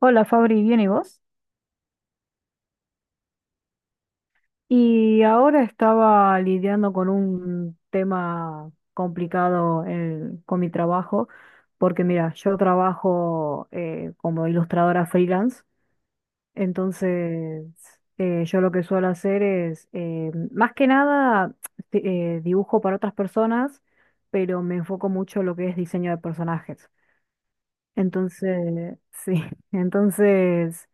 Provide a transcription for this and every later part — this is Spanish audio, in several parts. Hola Fabri, ¿bien y vos? Y ahora estaba lidiando con un tema complicado con mi trabajo, porque mira, yo trabajo como ilustradora freelance. Entonces yo lo que suelo hacer es, más que nada, dibujo para otras personas, pero me enfoco mucho en lo que es diseño de personajes. Entonces, sí, entonces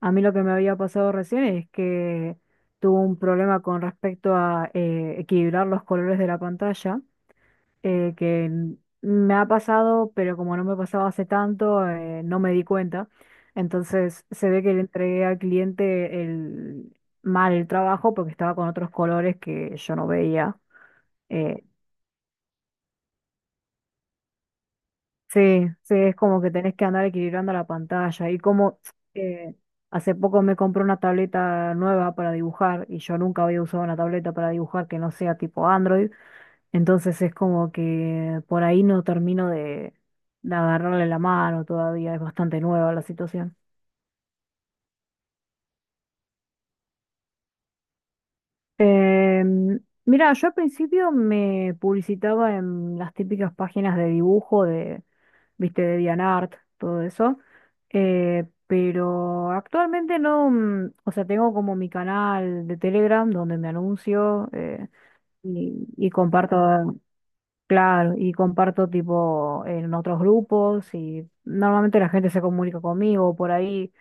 a mí lo que me había pasado recién es que tuve un problema con respecto a equilibrar los colores de la pantalla. eh, que n- Me ha pasado, pero como no me pasaba hace tanto, no me di cuenta. Entonces se ve que le entregué al cliente el, mal el trabajo porque estaba con otros colores que yo no veía. eh, Sí, sí, es como que tenés que andar equilibrando la pantalla. Y como eh, hace poco me compré una tableta nueva para dibujar y yo nunca había usado una tableta para dibujar que no sea tipo Android. Entonces es como que por ahí no termino de agarrarle la mano todavía, es bastante nueva la situación. Mira, yo al principio me publicitaba en las típicas páginas de dibujo de, viste, de DeviantArt, todo eso. Pero actualmente no, mm, o sea, tengo como mi canal de Telegram donde me anuncio y, comparto. Claro, y comparto tipo en otros grupos y normalmente la gente se comunica conmigo, por ahí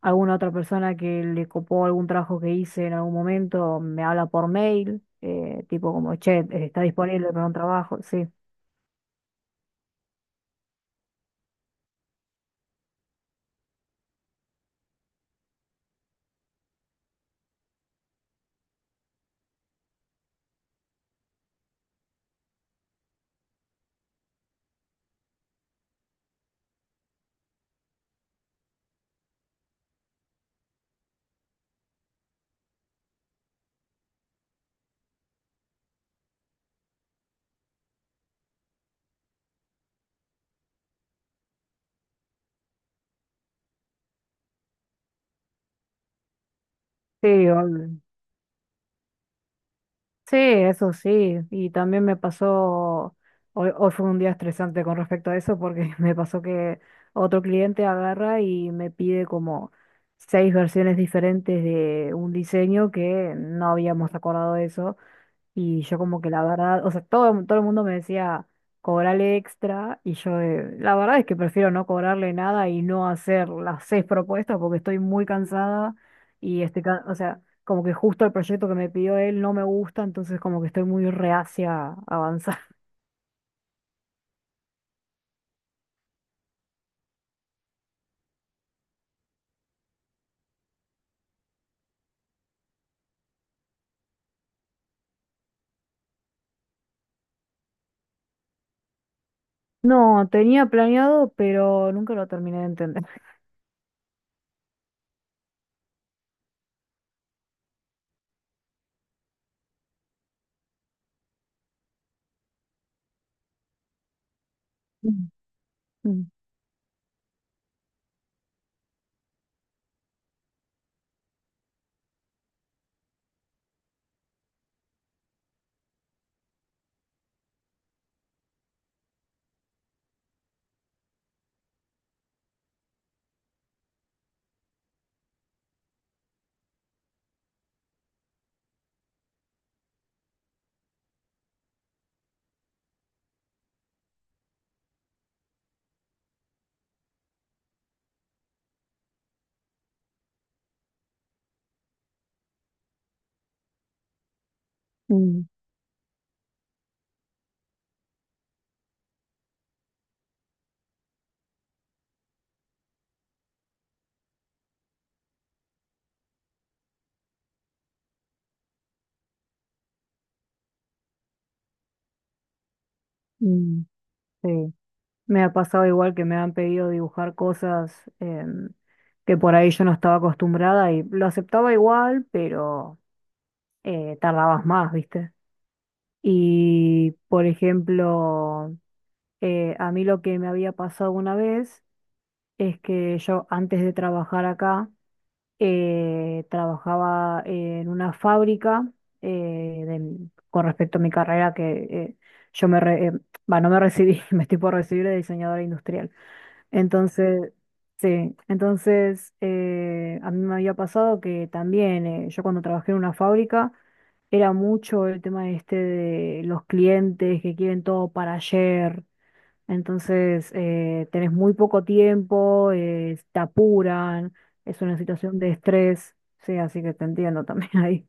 alguna otra persona que le copó algún trabajo que hice en algún momento me habla por mail, tipo como, che, está disponible para un trabajo, sí, sí, obvio. Sí, eso sí, y también me pasó, hoy fue un día estresante con respecto a eso porque me pasó que otro cliente agarra y me pide como seis versiones diferentes de un diseño que no habíamos acordado de eso y yo como que la verdad, o sea, todo el mundo me decía, cobrale extra, y yo la verdad es que prefiero no cobrarle nada y no hacer las seis propuestas porque estoy muy cansada y estoy, o sea, como que justo el proyecto que me pidió él no me gusta, entonces como que estoy muy reacia a avanzar. No, tenía planeado, pero nunca lo terminé de entender. Mm, mm, mm, mm. Sí. Me ha pasado igual que me han pedido dibujar cosas que por ahí yo no estaba acostumbrada y lo aceptaba igual, pero tardabas más, ¿viste? Y, por ejemplo, a mí lo que me había pasado una vez es que yo antes de trabajar acá, trabajaba en una fábrica eh, de- con respecto a mi carrera que eh, yo me, re- bah, no me recibí, me estoy por recibir de diseñadora industrial. Entonces, sí, entonces a mí me había pasado que también yo cuando trabajé en una fábrica era mucho el tema este de los clientes que quieren todo para ayer, entonces tenés muy poco tiempo, te apuran, es una situación de estrés. Sí, así que te entiendo también ahí.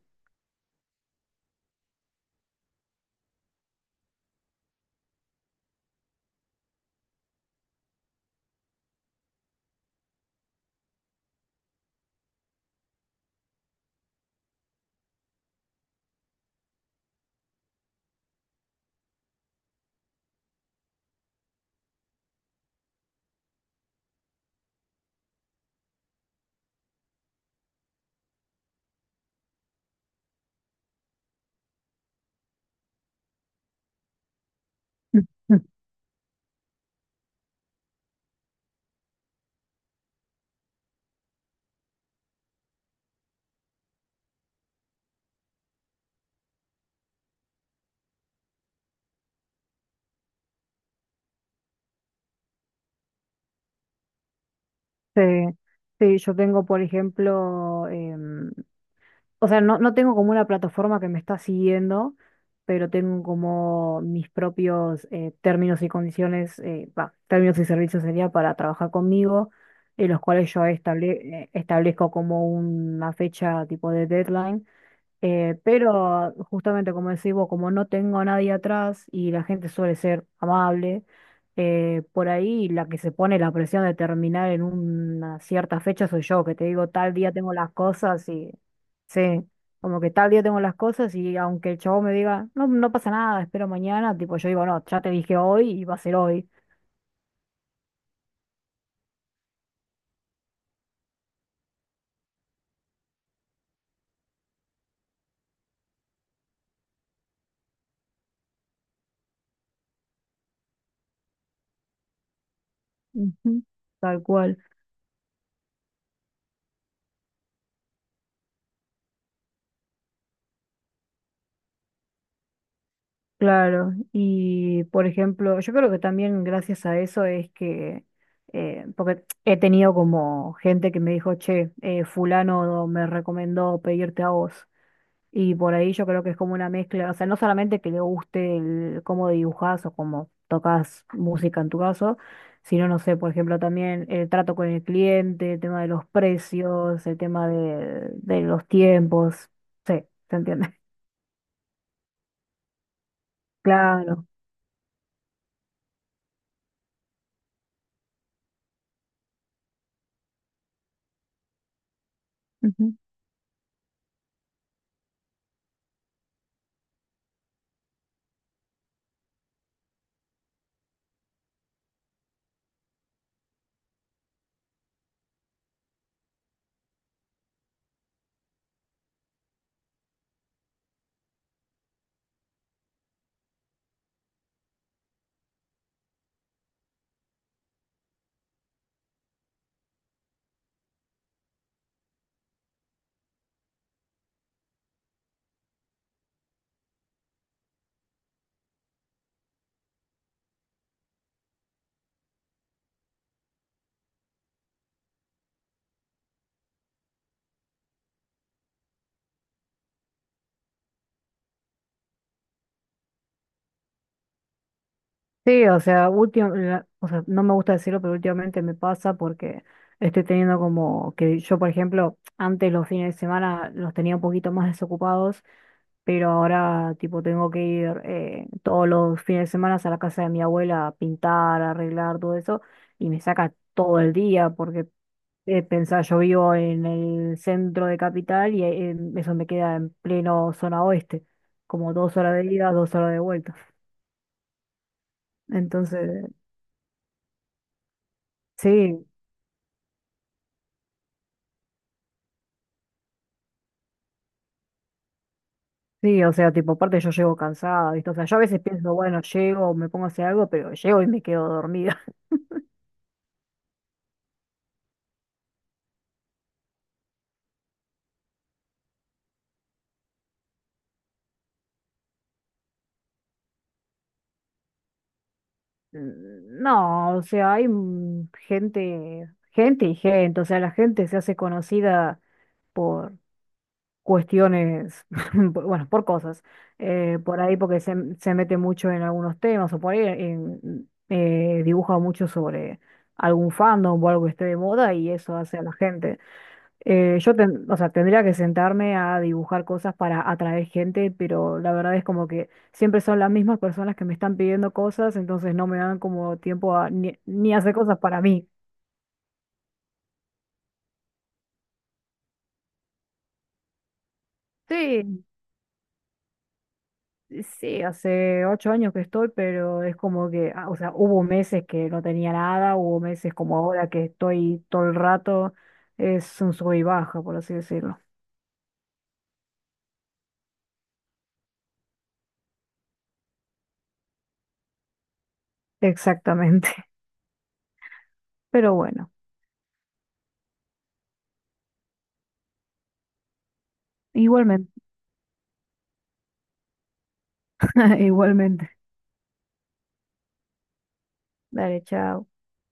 Sí, sí, yo tengo, por ejemplo, o sea, no, no tengo como una plataforma que me está siguiendo, pero tengo como mis propios términos y condiciones, va, términos y servicios sería para trabajar conmigo, en los cuales yo establezco como una fecha tipo de deadline. Pero justamente como decís vos, como no tengo a nadie atrás y la gente suele ser amable, por ahí la que se pone la presión de terminar en una cierta fecha soy yo, que te digo tal día tengo las cosas. Y sí, como que tal día tengo las cosas y aunque el chavo me diga, no, no pasa nada, espero mañana, tipo yo digo, no, ya te dije hoy y va a ser hoy. Ujú. Tal cual. Claro, y por ejemplo, yo creo que también gracias a eso es que, porque he tenido como gente que me dijo, che, fulano me recomendó pedirte a vos. Y por ahí yo creo que es como una mezcla, o sea, no solamente que le guste el, cómo dibujás o cómo tocas música en tu caso, sino, no sé, por ejemplo, también el trato con el cliente, el tema de los precios, el tema de los tiempos. Sí, ¿se entiende? Claro. Sí, o sea, o sea, no me gusta decirlo, pero últimamente me pasa porque estoy teniendo como que yo, por ejemplo, antes los fines de semana los tenía un poquito más desocupados, pero ahora tipo tengo que ir todos los fines de semana a la casa de mi abuela a pintar, a arreglar todo eso, y me saca todo el día porque pensá, yo vivo en el centro de capital y eso me queda en pleno zona oeste, como 2 horas de ida, 2 horas de vuelta. Entonces, sí. Sí, o sea, tipo, aparte yo llego cansada, ¿viste? O sea, yo a veces pienso, bueno, llego, me pongo a hacer algo, pero llego y me quedo dormida. No, o sea, hay gente, gente y gente, o sea, la gente se hace conocida por cuestiones, bueno, por cosas, por ahí porque se mete mucho en algunos temas, o por ahí dibuja mucho sobre algún fandom o algo que esté de moda y eso hace a la gente. O sea, tendría que sentarme a dibujar cosas para atraer gente, pero la verdad es como que siempre son las mismas personas que me están pidiendo cosas, entonces no me dan como tiempo a ni hacer cosas para mí. Sí, sí, hace 8 años que estoy, pero es como que, ah, o sea, hubo meses que no tenía nada, hubo meses como ahora que estoy todo el rato, es un sub y baja, por así decirlo. Exactamente. Pero bueno, igualmente. Igualmente. Dale, chao.